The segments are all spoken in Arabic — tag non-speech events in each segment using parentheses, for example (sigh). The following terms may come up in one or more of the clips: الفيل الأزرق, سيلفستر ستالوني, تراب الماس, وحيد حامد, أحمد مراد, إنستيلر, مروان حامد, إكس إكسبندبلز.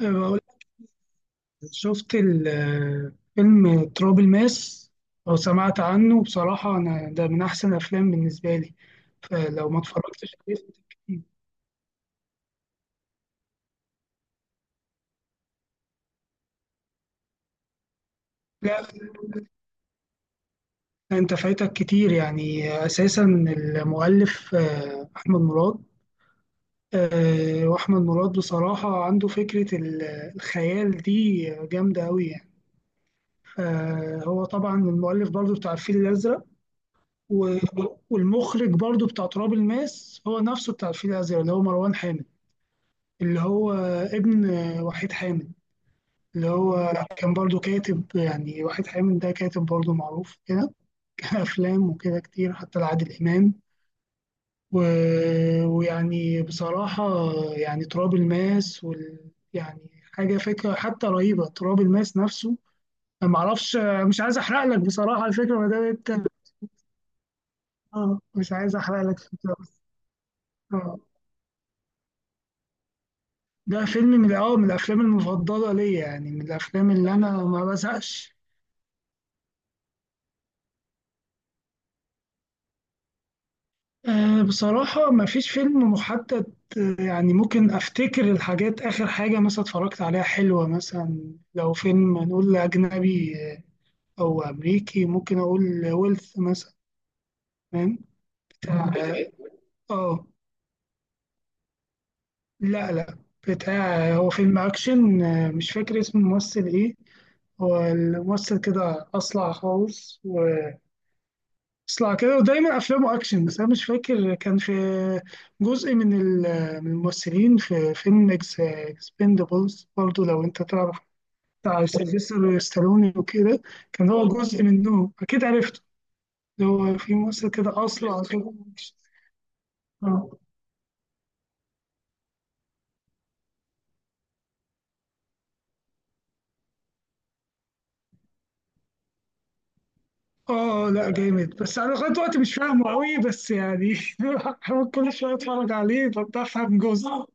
بقول شفت فيلم تراب الماس لو سمعت عنه، بصراحة أنا ده من أحسن الأفلام بالنسبة لي، فلو ما اتفرجتش عليه فايتك كتير. لا، أنت فايتك كتير يعني أساسا. المؤلف أحمد مراد. وأحمد مراد بصراحة عنده فكرة الخيال دي جامدة أوي يعني. فهو طبعا المؤلف برضو بتاع الفيل الأزرق. و- والمخرج برضو بتاع تراب الماس هو نفسه بتاع الفيل الأزرق، اللي هو مروان حامد، اللي هو ابن وحيد حامد، اللي هو كان برضو كاتب. يعني وحيد حامد ده كاتب برضو معروف كده، (laughs) كان أفلام وكده كتير حتى لعادل إمام. و... ويعني بصراحة يعني تراب الماس يعني حاجة فكرة حتى رهيبة تراب الماس نفسه. أنا معرفش، مش عايز أحرق لك بصراحة الفكرة ما دام أنت (laughs) آه، مش عايز أحرق لك الفكرة بس. آه. ده فيلم من من الافلام المفضله ليا، يعني من الافلام اللي انا ما بزهقش. أه، بصراحة ما فيش فيلم محدد. يعني ممكن أفتكر الحاجات، آخر حاجة مثلا اتفرجت عليها حلوة، مثلا لو فيلم نقول أجنبي أو أمريكي، ممكن أقول ويلث مثلا. فاهم؟ بتاع، آه. لا، لا، بتاع، هو فيلم أكشن. مش فاكر اسم الممثل إيه. هو الممثل كده أصلع خالص، اصلع كده، ودايما افلامه اكشن، بس انا مش فاكر. كان في جزء من من الممثلين في فيلم اكس اكسبندبلز برضو، لو انت تعرف، بتاع سيلفستر ستالوني وكده. كان هو جزء منهم، اكيد عرفته، اللي هو في ممثل كده اصلع كده. اه، اه. لا جامد، بس انا لغايه دلوقتي مش فاهمه قوي، بس يعني (laughs) حاول كل شويه اتفرج عليه فبفهم جزء.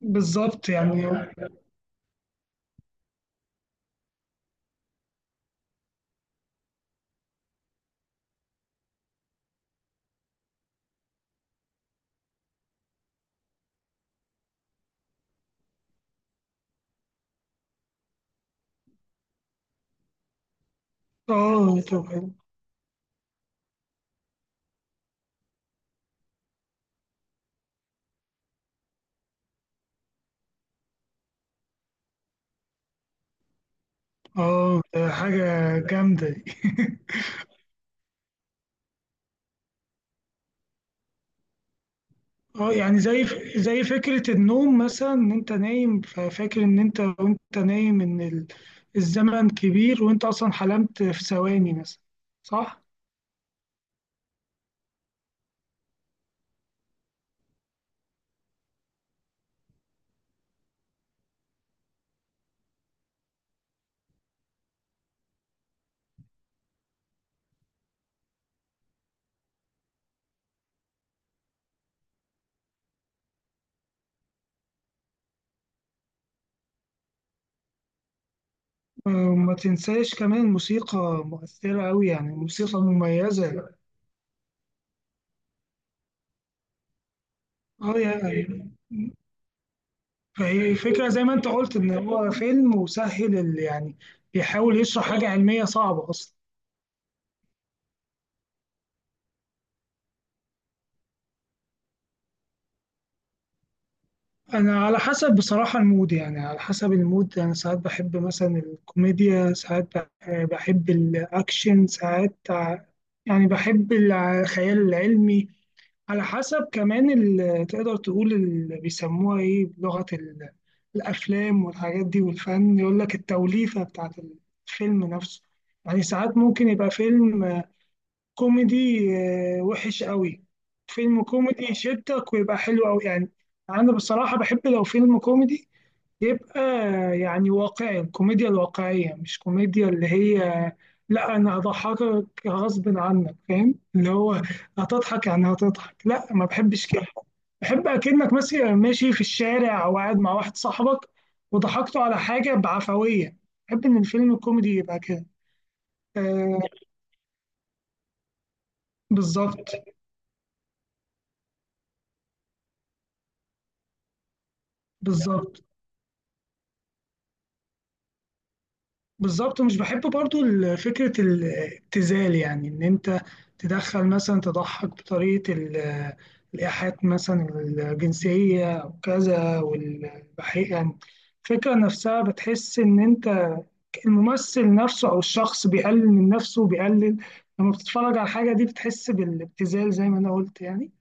بالظبط يعني. اه طب. اه، ده حاجه جامده دي. (laughs) اه يعني زي فكرة النوم مثلا، ان انت نايم ففاكر ان انت وانت نايم ان الزمن كبير وانت اصلا حلمت في ثواني مثلا، صح؟ وما تنساش كمان موسيقى مؤثرة أوي، يعني موسيقى مميزة. اه يعني. فهي فكرة زي ما انت قلت، ان هو فيلم وسهل يعني بيحاول يشرح حاجة علمية صعبة أصلا. انا على حسب بصراحة المود، يعني على حسب المود انا ساعات بحب مثلا الكوميديا، ساعات بحب الاكشن، ساعات يعني بحب الخيال العلمي. على حسب كمان تقدر تقول اللي بيسموها ايه بلغة الافلام والحاجات دي والفن، يقول لك التوليفة بتاعت الفيلم نفسه. يعني ساعات ممكن يبقى فيلم كوميدي وحش قوي. فيلم كوميدي يشدك ويبقى حلو قوي يعني. انا بصراحة بحب لو فيلم كوميدي يبقى يعني واقعي، الكوميديا الواقعية، مش كوميديا اللي هي لا انا هضحكك غصب عنك، فاهم اللي هو هتضحك يعني هتضحك، لا ما بحبش كده. بحب اكنك مثلا ماشي في الشارع او قاعد مع واحد صاحبك وضحكته على حاجة بعفوية، بحب ان الفيلم الكوميدي يبقى كده. آه. بالظبط. بالظبط. بالظبط، ومش بحب برضو فكرة الابتذال، يعني إن أنت تدخل مثلا تضحك بطريقة الإيحاءات مثلا الجنسية أو كذا والبحيئة يعني. الفكرة نفسها بتحس إن أنت الممثل نفسه أو الشخص بيقلل من نفسه وبيقلل، لما بتتفرج على الحاجة دي بتحس بالابتذال زي ما أنا قلت يعني.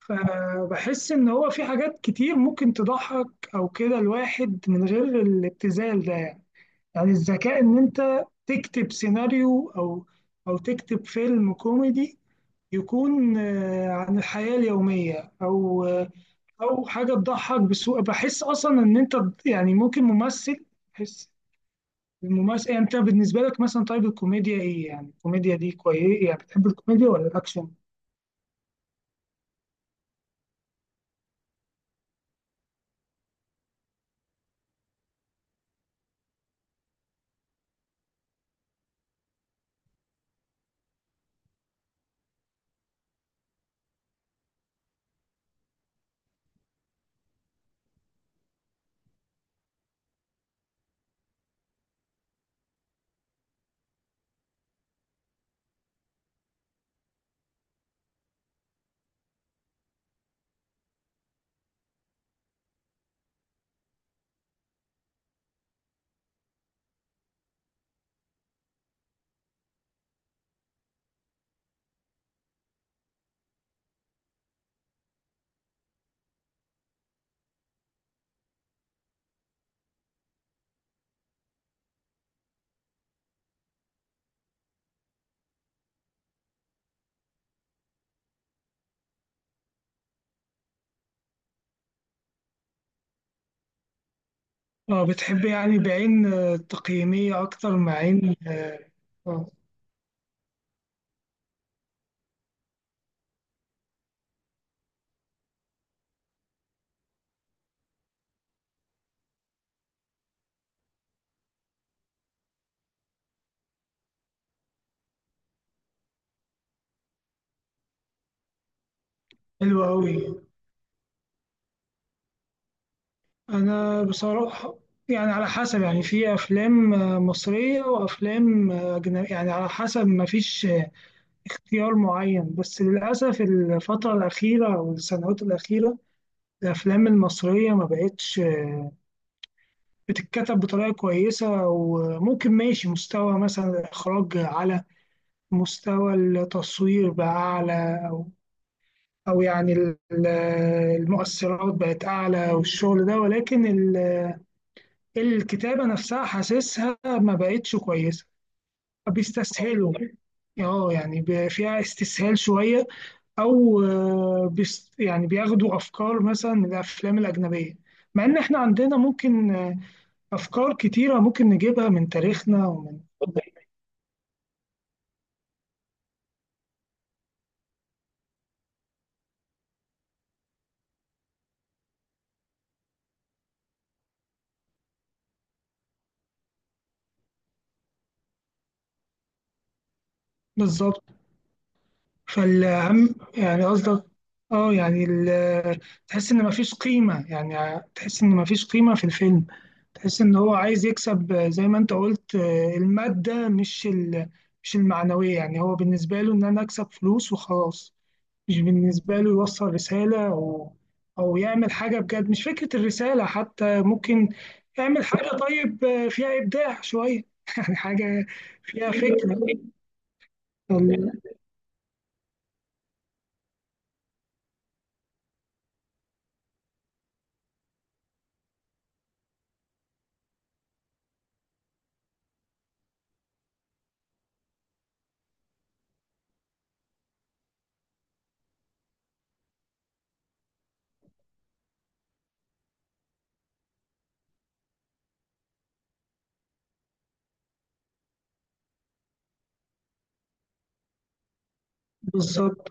فبحس إن هو في حاجات كتير ممكن تضحك أو كده الواحد من غير الابتذال ده. يعني الذكاء إن أنت تكتب سيناريو أو تكتب فيلم كوميدي يكون عن الحياة اليومية أو أو حاجة تضحك بسوء. بحس أصلا إن أنت يعني ممكن ممثل، بحس الممثل يعني. أنت بالنسبة لك مثلا، طيب الكوميديا إيه يعني الكوميديا دي كويس، يعني بتحب الكوميديا ولا الأكشن؟ اه. بتحب يعني بعين تقييمية أكتر مع عين آه،. آه،. حلوة أوي. انا بصراحه يعني على حسب، يعني في افلام مصريه وافلام اجنبيه، يعني على حسب، ما فيش اختيار معين. بس للاسف الفتره الاخيره او السنوات الاخيره الافلام المصريه ما بقتش بتتكتب بطريقه كويسه. وممكن ماشي مستوى مثلا الاخراج، على مستوى التصوير بقى اعلى، او يعني المؤثرات بقت اعلى والشغل ده، ولكن الكتابة نفسها حاسسها ما بقتش كويسة. بيستسهلوا. اه يعني فيها استسهال شوية، أو بيس يعني بياخدوا أفكار مثلا من الأفلام الأجنبية، مع إن إحنا عندنا ممكن أفكار كتيرة ممكن نجيبها من تاريخنا ومن. بالظبط. فالأهم يعني قصدك. اه يعني تحس إن مفيش قيمة، يعني تحس إن مفيش قيمة في الفيلم. تحس ان هو عايز يكسب زي ما انت قلت المادة، مش مش المعنوية. يعني هو بالنسبة له ان انا اكسب فلوس وخلاص، مش بالنسبة له يوصل رسالة او يعمل حاجة بجد. مش فكرة الرسالة حتى، ممكن يعمل حاجة طيب فيها ابداع شوية (laughs) يعني حاجة فيها فكرة. بالظبط.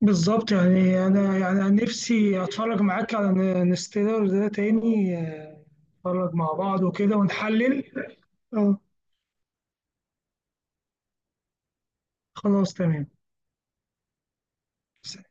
بالظبط، يعني انا يعني أنا نفسي اتفرج معاك على انستيلر ده تاني آه،. نتفرج مع بعض وكده ونحلل. اه خلاص، تمام. سلام.